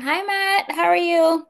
Hi Matt, how are you?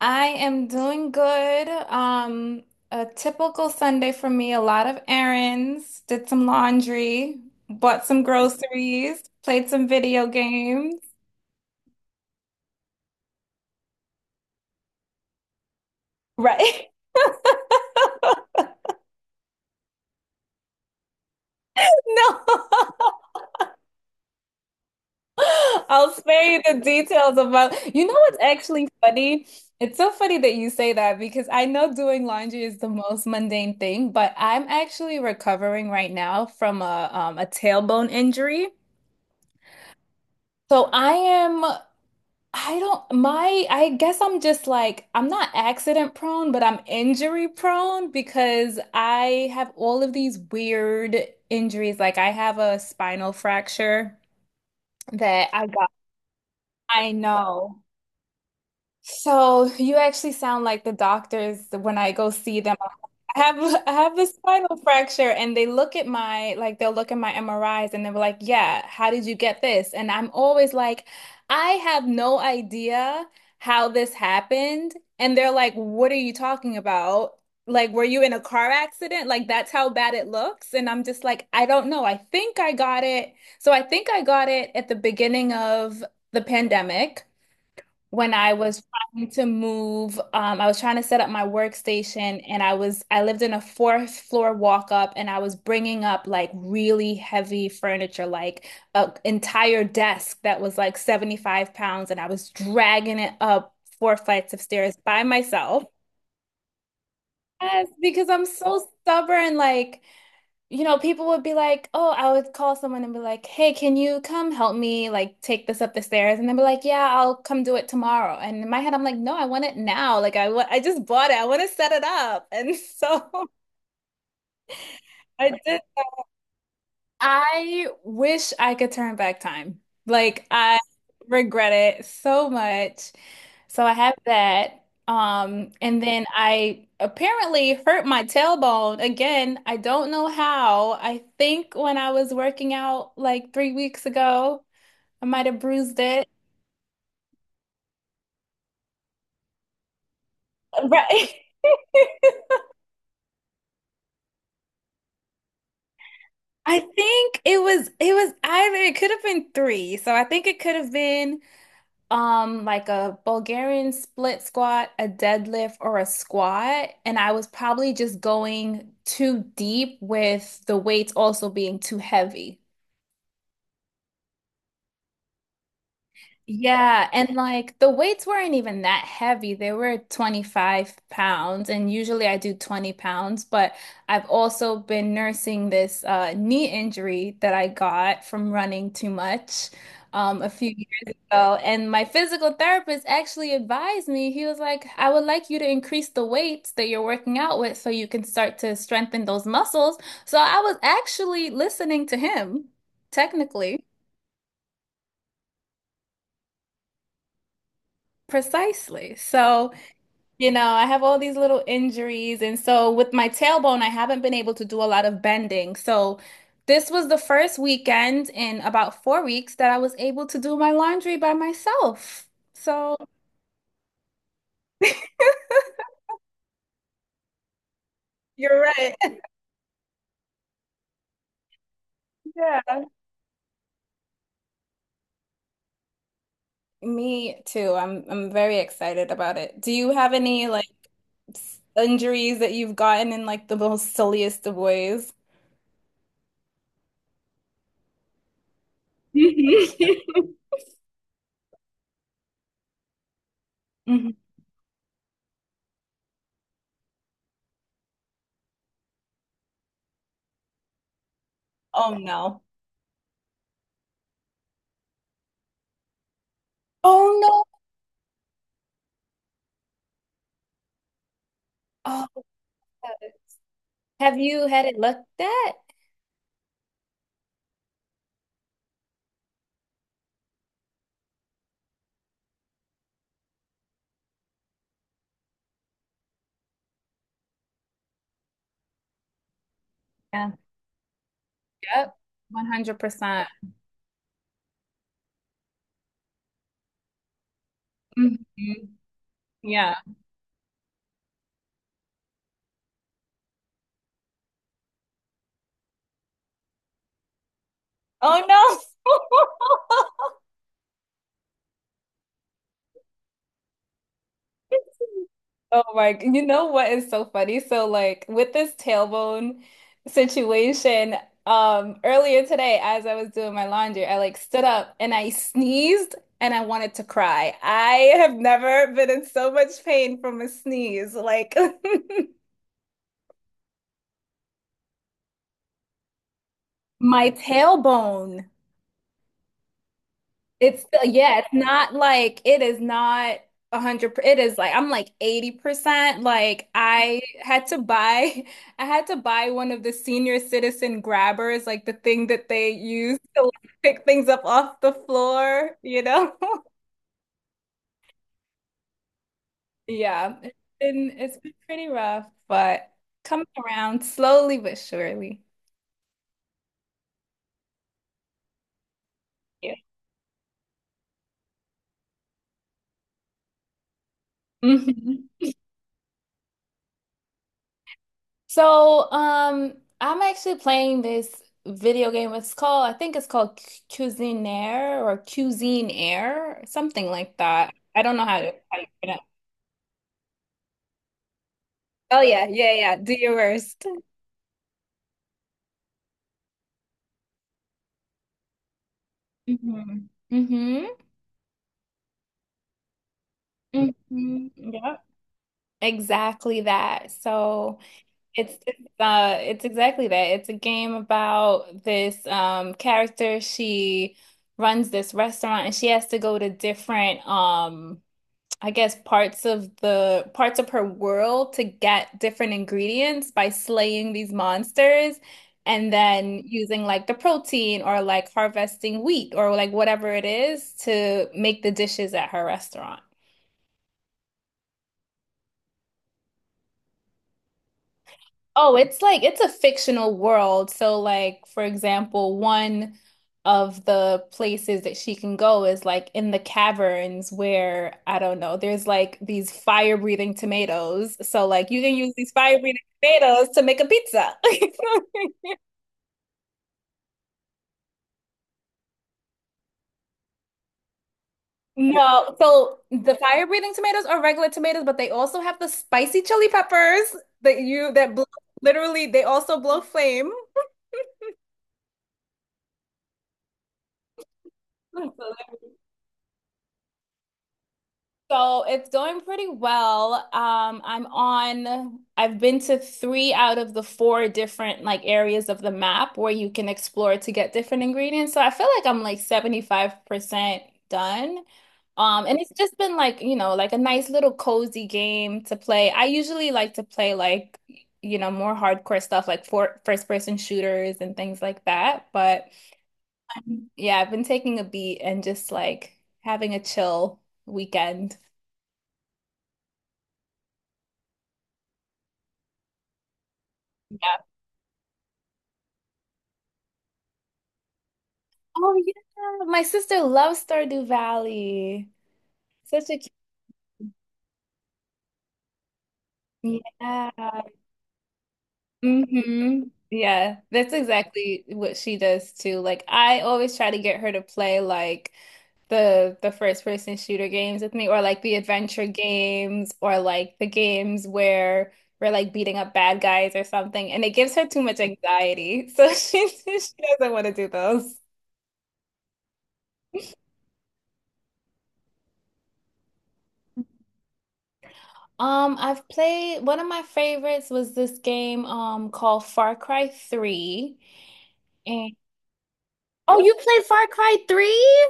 I am doing good. A typical Sunday for me, a lot of errands, did some laundry, bought some groceries, played some video games. Right? No. I'll spare you the details about. You know what's actually funny? It's so funny that you say that because I know doing laundry is the most mundane thing, but I'm actually recovering right now from a tailbone injury. So I am. I don't, my, I guess I'm just like, I'm not accident prone, but I'm injury prone because I have all of these weird injuries. Like I have a spinal fracture that I got. I know. So you actually sound like the doctors when I go see them. I have I have a spinal fracture and they look at my like they'll look at my MRIs and they were like, "Yeah, how did you get this?" And I'm always like, "I have no idea how this happened." And they're like, "What are you talking about? Like, were you in a car accident? Like that's how bad it looks." And I'm just like, "I don't know. I think I got it." So I think I got it at the beginning of the pandemic when I was trying to move. I was trying to set up my workstation and I lived in a fourth floor walk up and I was bringing up like really heavy furniture, like an entire desk that was like 75 pounds and I was dragging it up four flights of stairs by myself. Yes, because I'm so stubborn, like you know, people would be like, oh, I would call someone and be like, hey, can you come help me like take this up the stairs? And they'd be like, yeah, I'll come do it tomorrow. And in my head, I'm like, no, I want it now. Like I just bought it. I want to set it up. And so I did. I wish I could turn back time. Like I regret it so much. So I have that. And then I apparently hurt my tailbone again. I don't know how. I think when I was working out like 3 weeks ago, I might have bruised it. Right. I think it was either it could have been three. So I think it could have been, like a Bulgarian split squat, a deadlift, or a squat. And I was probably just going too deep with the weights also being too heavy. Yeah, and like the weights weren't even that heavy. They were 25 pounds, and usually I do 20 pounds, but I've also been nursing this knee injury that I got from running too much a few years ago. And my physical therapist actually advised me, he was like, I would like you to increase the weights that you're working out with so you can start to strengthen those muscles. So I was actually listening to him, technically. Precisely. So you know, I have all these little injuries. And so with my tailbone, I haven't been able to do a lot of bending. So this was the first weekend in about 4 weeks that I was able to do my laundry by myself. So you're right. Yeah. Me too. I'm very excited about it. Do you have any like injuries that you've gotten in like the most silliest of ways? Mhm. Mhm. Oh no. Oh no. Oh, God. Have you had it looked at? Yeah. Yep, 100% percent. Mhm. Yeah. Oh no. You know what is so funny? So like with this tailbone situation, earlier today as I was doing my laundry, I like stood up and I sneezed and I wanted to cry. I have never been in so much pain from a sneeze. Like my tailbone. It's yeah, it's not like it is not 100%. It is like I'm like 80%. Like I had to buy, I had to buy one of the senior citizen grabbers, like the thing that they use to like, pick things up off the floor, you know? Yeah, it's been pretty rough, but coming around slowly but surely. Yeah. Hmm. So, I'm actually playing this video game. It's called, I think it's called Cuisinaire or Cuisine Air, something like that. I don't know how to, how you pronounce it. Oh yeah, yeah, yeah. Do your worst. Mm-hmm. Mm-hmm. Hmm. Yep. Exactly that. So it's it's exactly that. It's a game about this character. She runs this restaurant and she has to go to different, I guess, parts of her world to get different ingredients by slaying these monsters and then using like the protein or like harvesting wheat or like whatever it is to make the dishes at her restaurant. Oh, it's like it's a fictional world. So like for example, one of the places that she can go is like in the caverns where I don't know, there's like these fire-breathing tomatoes. So like you can use these fire-breathing tomatoes to make a pizza. No, so the fire-breathing tomatoes are regular tomatoes, but they also have the spicy chili peppers that you that blow, literally they also blow flame. So it's going pretty well. I've been to three out of the four different like areas of the map where you can explore to get different ingredients. So I feel like I'm like 75% done. And it's just been like, you know, like a nice little cozy game to play. I usually like to play like, you know, more hardcore stuff like for first person shooters and things like that. But yeah, I've been taking a beat and just like having a chill weekend. Oh yeah, my sister loves Stardew Valley. Such a cute, yeah. Hmm. Yeah, that's exactly what she does too. Like I always try to get her to play like the first person shooter games with me or like the adventure games or like the games where we're like beating up bad guys or something and it gives her too much anxiety. So she doesn't want to do those. I've played one of my favorites was this game called Far Cry 3. And oh, you played Far Cry 3?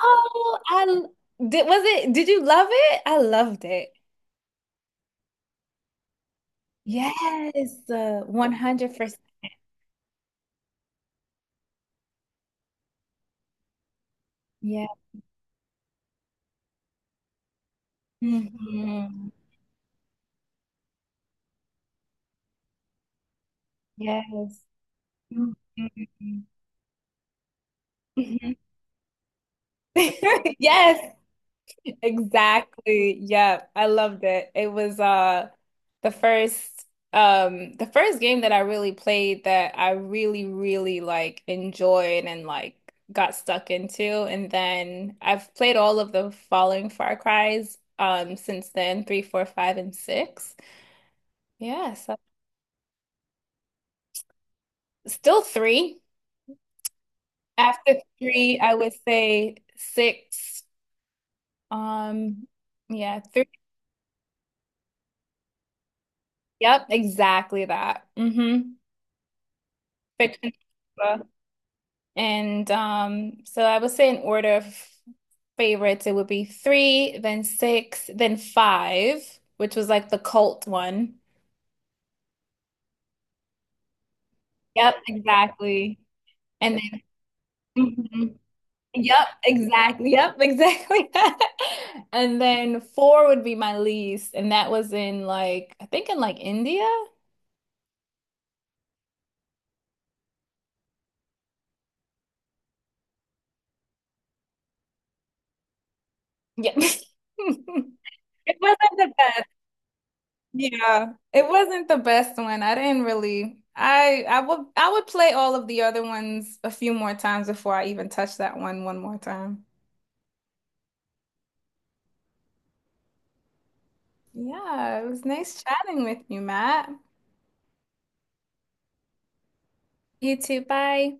Oh, I l- did you love it? I loved it. Yes, 100%. Yeah. Mhm. Yes. Mhm. Mhm. Yes, exactly. Yeah, I loved it. It was the first the first game that I really played that I really really like enjoyed and like got stuck into, and then I've played all of the following Far Cries since then, three, four, five, and six. Yeah, so still three. After three, I would say six. Um yeah, three. Yep, exactly that. Mm-hmm. Fiction. And so I would say in order of favorites, it would be three, then six, then five, which was like the cult one. Yep, exactly. And then, mhm. Yep, exactly. Yep, exactly. And then four would be my least, and that was in like I think in like India. Yep. It wasn't the best. Yeah, it wasn't the best one. I didn't really. I would play all of the other ones a few more times before I even touch that one one more time. Yeah, it was nice chatting with you, Matt. You too. Bye.